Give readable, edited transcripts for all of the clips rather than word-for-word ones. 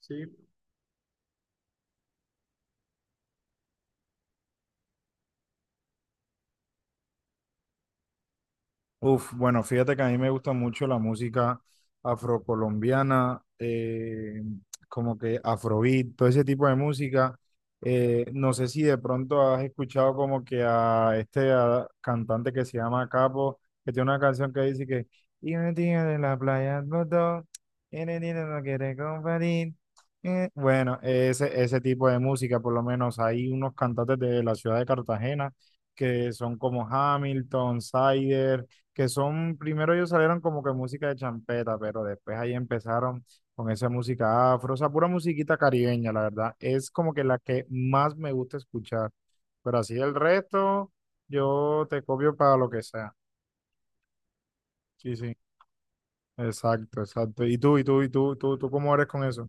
Sí. Uf, bueno, fíjate que a mí me gusta mucho la música afrocolombiana, como que afrobeat, todo ese tipo de música. No sé si de pronto has escuchado como que a cantante que se llama Capo, que tiene una canción que dice que y me tiene de la playa al botón, y me tiene no quiere compartir. Bueno, ese tipo de música, por lo menos hay unos cantantes de la ciudad de Cartagena que son como Hamilton, Sider, que son, primero ellos salieron como que música de champeta, pero después ahí empezaron con esa música afro, o sea, pura musiquita caribeña, la verdad, es como que la que más me gusta escuchar, pero así el resto, yo te copio para lo que sea. Sí, sí, exacto, exacto. ¿Y tú, y tú, tú cómo eres con eso?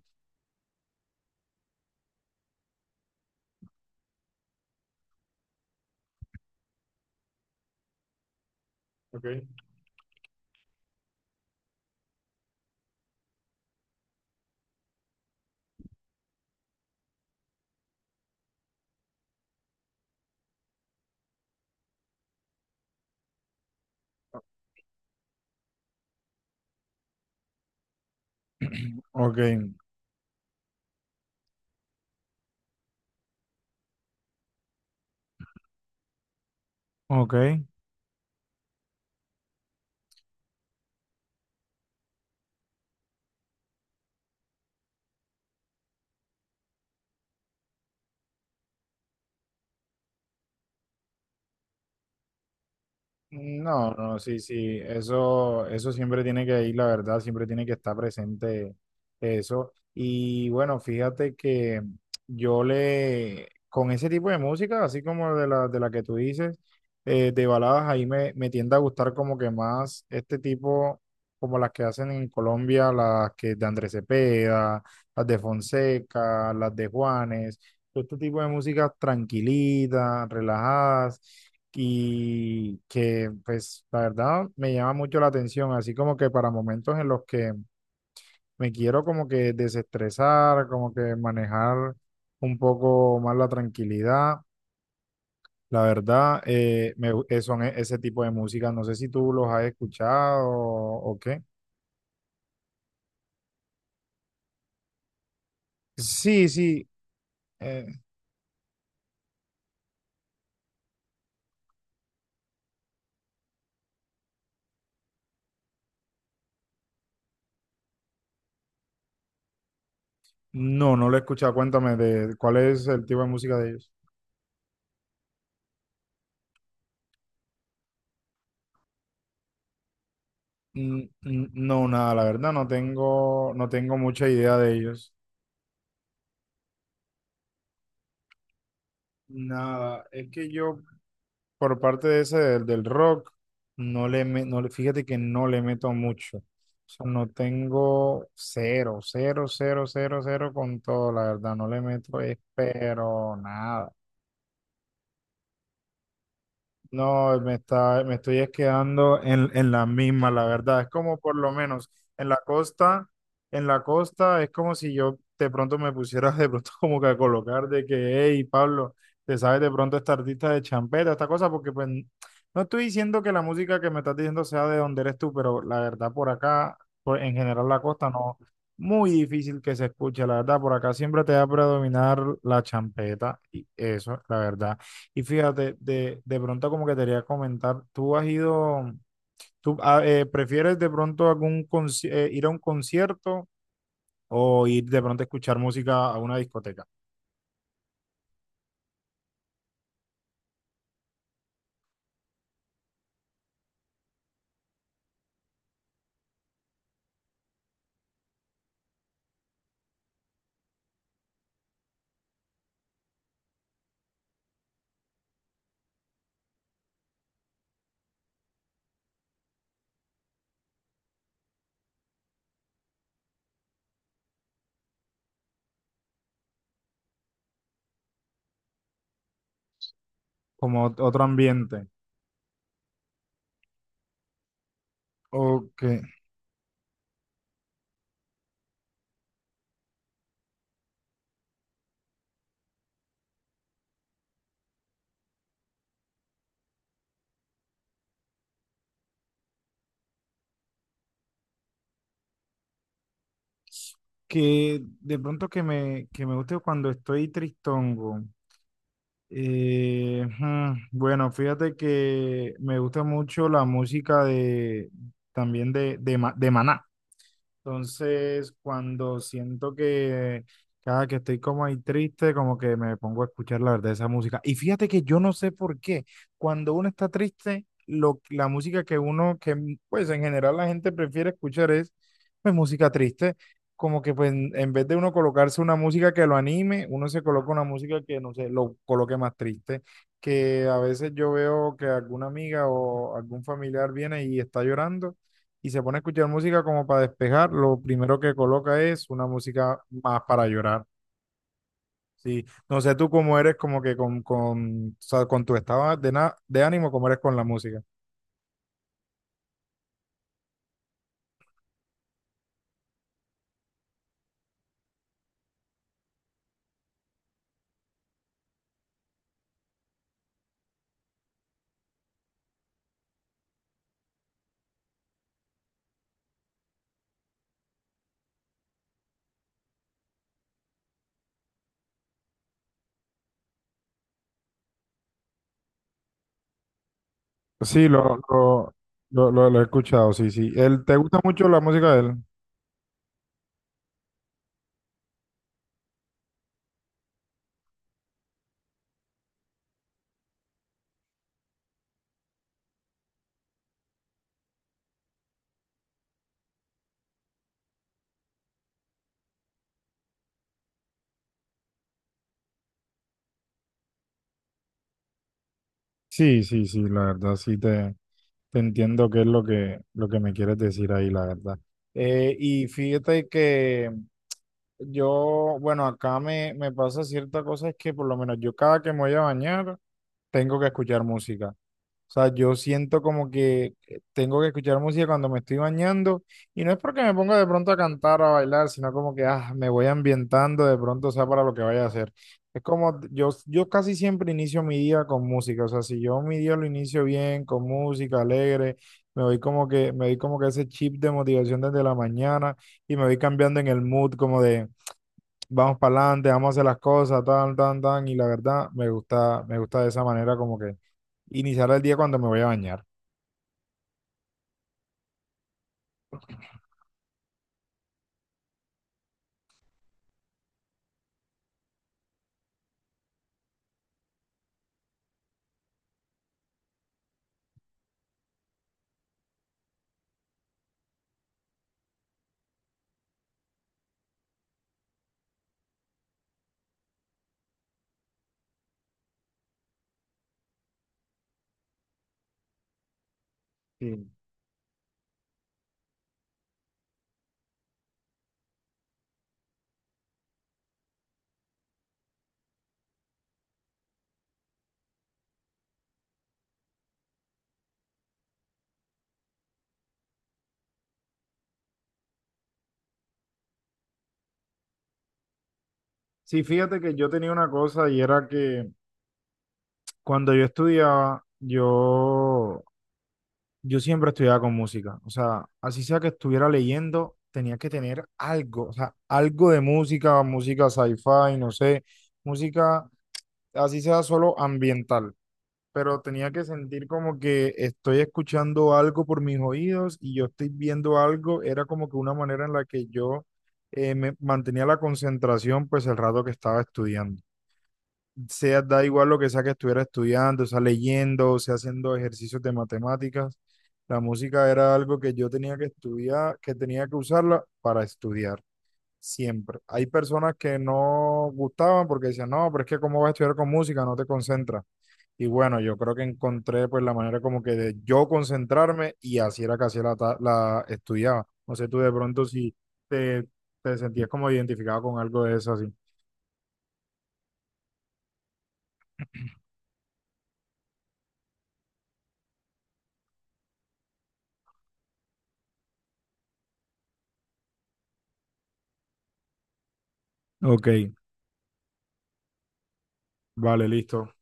Ok. Ok, ok. No, no, sí, sí, eso siempre tiene que ir, la verdad, siempre tiene que estar presente eso. Y bueno, fíjate que con ese tipo de música, así como de la que tú dices, de baladas, me tiende a gustar como que más este tipo, como las que hacen en Colombia, las que de Andrés Cepeda, las de Fonseca, las de Juanes, todo este tipo de músicas tranquilitas, relajadas y que pues la verdad me llama mucho la atención, así como que para momentos en los que me quiero como que desestresar, como que manejar un poco más la tranquilidad, la verdad son ese tipo de música, no sé si tú los has escuchado o qué. Sí, sí, eh, no, no lo he escuchado, cuéntame de cuál es el tipo de música de ellos. No, nada, la verdad no tengo mucha idea de ellos. Nada, es que yo por parte de ese del rock, no le, me- no le, fíjate que no le meto mucho. O sea, no tengo cero, cero, cero, cero, cero con todo, la verdad, no le meto, pero nada. No, me estoy es quedando en la misma, la verdad. Es como por lo menos en la costa, en la costa es como si yo de pronto me pusiera de pronto como que a colocar de que, hey, Pablo, te sabes de pronto esta artista de champeta, esta cosa, porque pues no estoy diciendo que la música que me estás diciendo sea de donde eres tú, pero la verdad por acá, en general la costa no, muy difícil que se escuche, la verdad, por acá siempre te va a predominar la champeta y eso, la verdad. Y fíjate, de pronto como que te quería comentar. ¿Tú has ido, prefieres de pronto ir a un concierto o ir de pronto a escuchar música a una discoteca, como otro ambiente? O que de pronto que me guste cuando estoy tristongo. Bueno, fíjate que me gusta mucho la música de, también de de Maná. Entonces, cuando siento que cada que estoy como ahí triste, como que me pongo a escuchar la verdad esa música. Y fíjate que yo no sé por qué, cuando uno está triste, la música que uno, pues en general la gente prefiere escuchar es pues música triste. Como que pues en vez de uno colocarse una música que lo anime, uno se coloca una música que no sé, lo coloque más triste. Que a veces yo veo que alguna amiga o algún familiar viene y está llorando y se pone a escuchar música como para despejar, lo primero que coloca es una música más para llorar. Sí, no sé tú cómo eres como que con, o sea, con tu estado de ánimo, cómo eres con la música. Sí, lo he escuchado, sí, sí. Él, ¿te gusta mucho la música de él? Sí, sí, sí, la verdad, te entiendo qué es lo que me quieres decir ahí, la verdad. Y fíjate que yo, bueno, acá me pasa cierta cosa, es que por lo menos yo cada que me voy a bañar, tengo que escuchar música. O sea, yo siento como que tengo que escuchar música cuando me estoy bañando y no es porque me ponga de pronto a cantar o a bailar, sino como que ah, me voy ambientando de pronto, o sea, para lo que vaya a hacer. Es como yo casi siempre inicio mi día con música, o sea, si yo mi día lo inicio bien, con música alegre, me voy como que, me doy como que ese chip de motivación desde la mañana y me voy cambiando en el mood como de vamos para adelante, vamos a hacer las cosas, tan, tan, tan, y la verdad me gusta de esa manera como que iniciar el día cuando me voy a bañar. Sí. Sí, fíjate que yo tenía una cosa y era que cuando yo estudiaba, yo siempre estudiaba con música. O sea, así sea que estuviera leyendo, tenía que tener algo, o sea, algo de música, música sci-fi, no sé, música, así sea solo ambiental. Pero tenía que sentir como que estoy escuchando algo por mis oídos y yo estoy viendo algo, era como que una manera en la que yo me mantenía la concentración pues el rato que estaba estudiando. Sea, da igual lo que sea que estuviera estudiando, sea leyendo, sea haciendo ejercicios de matemáticas, la música era algo que yo tenía que estudiar, que tenía que usarla para estudiar. Siempre. Hay personas que no gustaban porque decían, no, pero es que cómo vas a estudiar con música, no te concentras. Y bueno, yo creo que encontré pues la manera como que de yo concentrarme y así era que hacía la estudiaba. No sé tú de pronto si te, te sentías como identificado con algo de eso así. Ok, vale, listo.